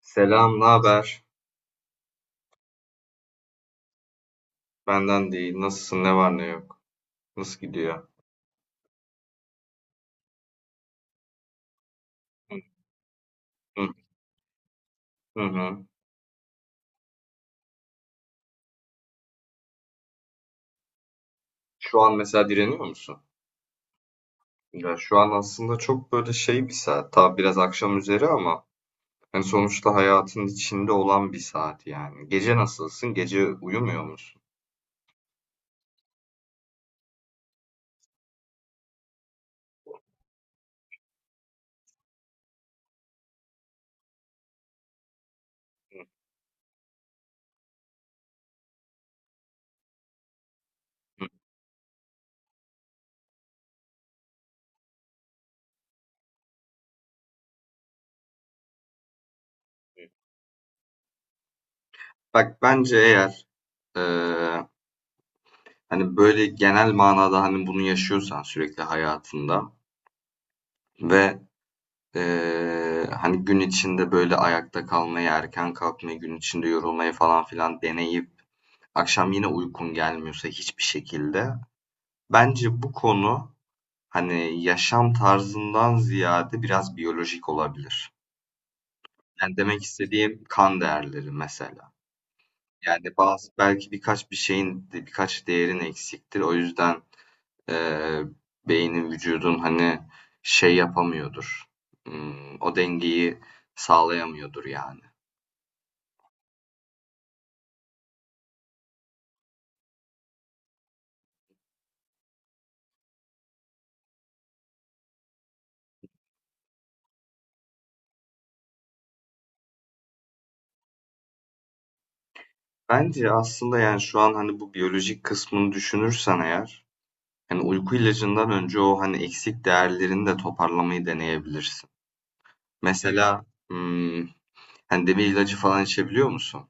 Selam, ne haber? Benden değil. Nasılsın? Ne var ne yok? Nasıl gidiyor? Hı hı. Hı. Şu an mesela direniyor musun? Ya şu an aslında çok böyle şey bir saat. Tabi biraz akşam üzeri ama yani sonuçta hayatın içinde olan bir saat yani. Gece nasılsın? Gece uyumuyor musun? Hı. Bak bence eğer eee, hani böyle genel manada hani bunu yaşıyorsan sürekli hayatında ve hani gün içinde böyle ayakta kalmayı, erken kalkmayı, gün içinde yorulmayı falan filan deneyip akşam yine uykun gelmiyorsa hiçbir şekilde. Bence bu konu hani yaşam tarzından ziyade biraz biyolojik olabilir. Yani demek istediğim kan değerleri mesela. Yani bazı belki birkaç bir şeyin birkaç değerin eksiktir. O yüzden eee, beynin vücudun hani şey yapamıyordur. Hmm, o dengeyi sağlayamıyordur yani. Bence aslında, yani, şu an, hani, bu biyolojik kısmını düşünürsen eğer, hani, uyku ilacından önce o, hani, eksik değerlerini de toparlamayı deneyebilirsin. Mesela, ımm, hani, demir ilacı falan içebiliyor musun?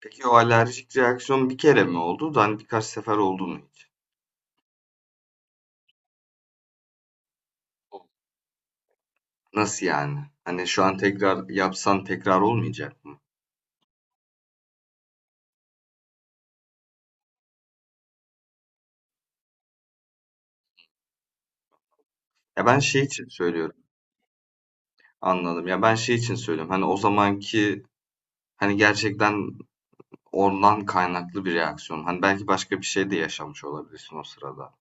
Peki o alerjik reaksiyon bir kere mi oldu da, hani, birkaç sefer oldu mu hiç? Nasıl yani? Hani, şu an tekrar yapsan tekrar olmayacak mı? Ya, ben şey için söylüyorum. Anladım. Ya, ben şey için söylüyorum, hani, o zamanki, hani, gerçekten ondan kaynaklı bir reaksiyon. Hani belki başka bir şey de yaşamış olabilirsin o sırada.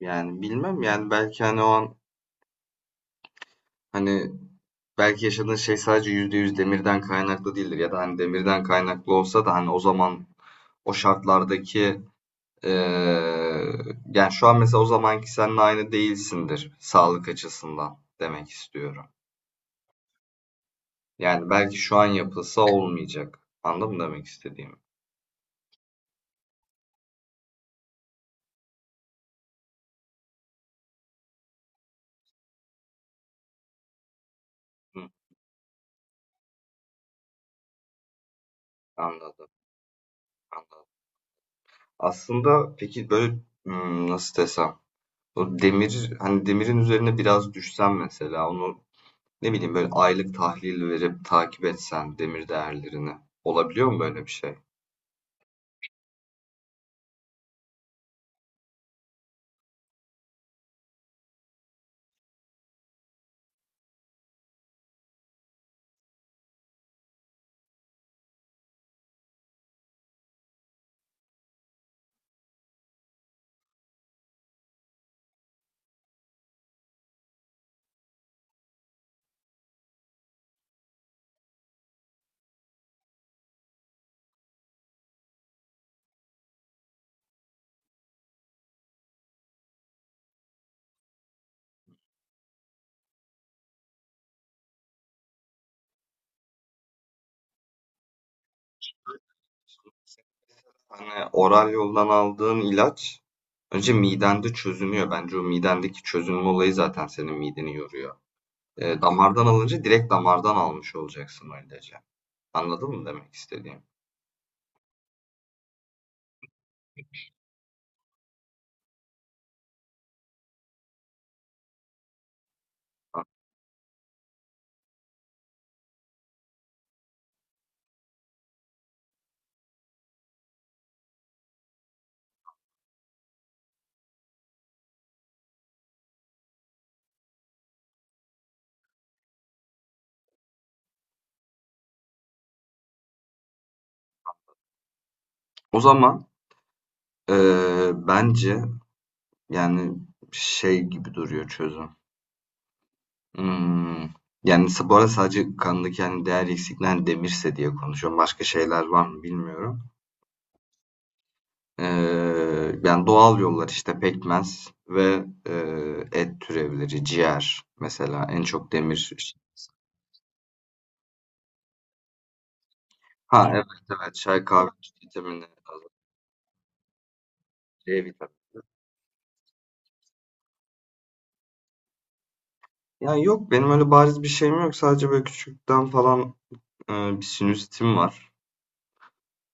Yani bilmem yani belki hani o an hani belki yaşadığın şey sadece %100 demirden kaynaklı değildir. Ya da hani demirden kaynaklı olsa da hani o zaman o şartlardaki eee, yani şu an mesela o zamanki seninle aynı değilsindir sağlık açısından demek istiyorum. Yani belki şu an yapılsa olmayacak. Anladın mı demek istediğimi? Hı, anladım, anladım. Aslında peki böyle hmm, nasıl desem? O demir hani demirin üzerine biraz düşsen mesela onu ne bileyim böyle aylık tahlil verip takip etsen demir değerlerini, olabiliyor mu böyle bir şey? Hani oral yoldan aldığın ilaç önce midende çözünüyor. Bence o midendeki çözünme olayı zaten senin mideni yoruyor. E, damardan alınca direkt damardan almış olacaksın o ilacı. Anladın mı demek istediğim? O zaman e, bence yani şey gibi duruyor çözüm. Hımm. Yani, sa bu arada sadece kandaki, hani, değer eksikliğinden demirse diye konuşuyorum. Başka şeyler var mı bilmiyorum. Yani, doğal yollar, işte, pekmez ve, et türevleri, ciğer mesela en çok demir. Ha, evet, evet. Çay, kahve, vitamini, C vitamini. Yani yok, benim öyle bariz bir şeyim yok. Sadece böyle küçükten falan, bir sinüsitim var.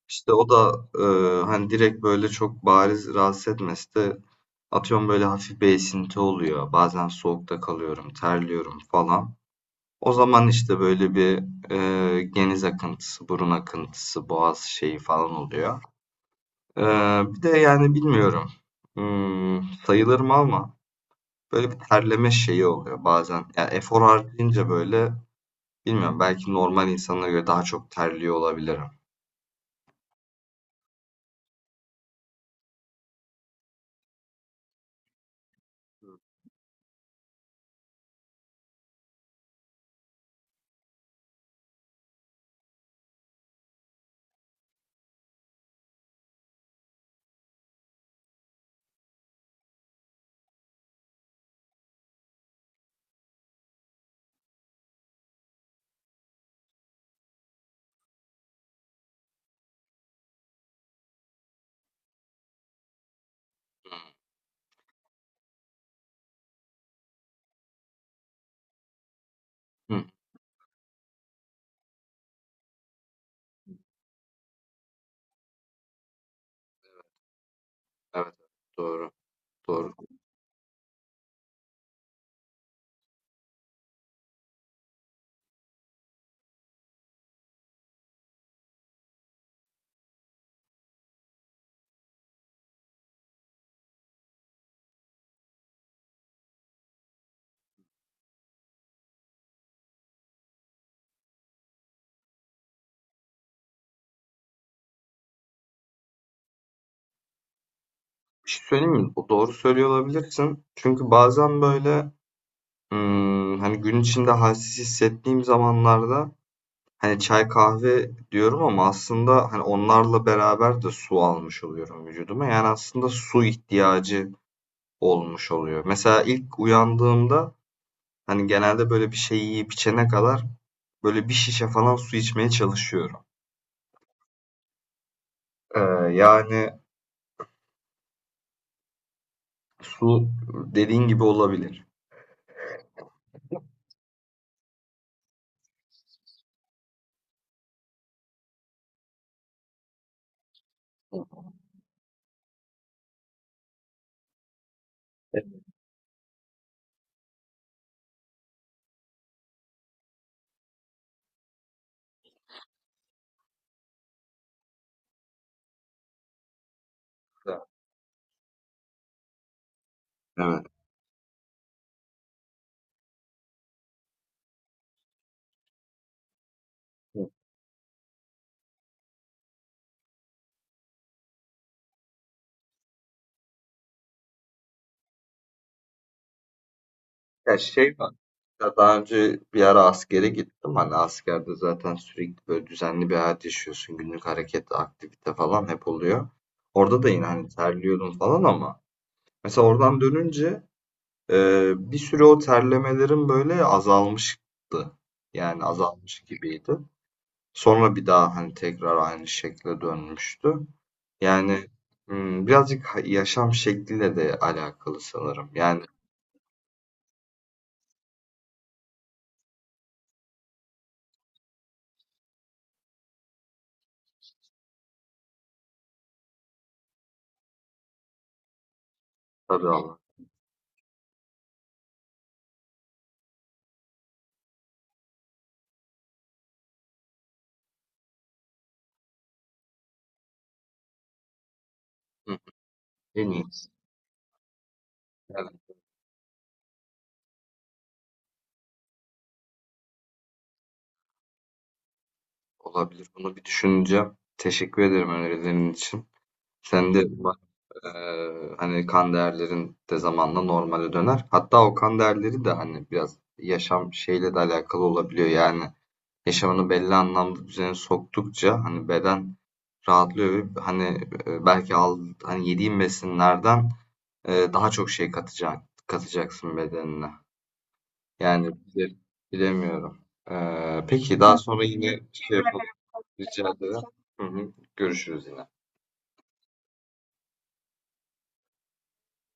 İşte, o da, hani, direkt böyle çok bariz rahatsız etmese de atıyorum böyle hafif bir esinti oluyor. Bazen soğukta kalıyorum, terliyorum falan. O zaman işte böyle bir geniz akıntısı, burun akıntısı, boğaz şeyi falan oluyor. E, bir de yani bilmiyorum. Hmm, sayılır mı ama böyle bir terleme şeyi oluyor bazen. Yani efor harcayınca böyle bilmiyorum belki normal insanlara göre daha çok terliyor olabilirim. Hı, evet, doğru, doğru. Bir şey söyleyeyim mi? O doğru söylüyor olabilirsin. Çünkü bazen böyle hani, gün içinde halsiz hissettiğim zamanlarda, hani, çay, kahve diyorum ama aslında, hani, onlarla beraber de su almış oluyorum vücuduma. Yani, aslında su ihtiyacı olmuş oluyor. Mesela ilk uyandığımda, hani, genelde böyle bir şey yiyip içene kadar böyle bir şişe falan su içmeye çalışıyorum. Eee, yani, su dediğin gibi olabilir. Evet. Ya şey var. Ya daha önce bir ara askere gittim. Hani askerde zaten sürekli böyle düzenli bir hayat yaşıyorsun. Günlük hareket, aktivite falan hep oluyor. Orada da yine hani terliyordum falan ama mesela oradan dönünce bir süre o terlemelerim böyle azalmıştı. Yani azalmış gibiydi. Sonra bir daha hani tekrar aynı şekle dönmüştü. Yani hmm, birazcık ha- yaşam şekliyle de alakalı sanırım. Yani tabii ama. Hı, en iyisi. Evet. Olabilir. Bunu bir düşüneceğim. Teşekkür ederim önerilerin için. Sen de bak, hani kan değerlerin de zamanla normale döner. Hatta o kan değerleri de hani biraz yaşam şeyle de alakalı olabiliyor. Yani yaşamını belli anlamda düzene soktukça hani beden rahatlıyor ve hani belki al, hani yediğin besinlerden daha çok şey katacak, katacaksın bedenine. Yani bile- bilemiyorum. Peki daha sonra yine şey yapalım. Rica ederim. Hı hı. Görüşürüz yine.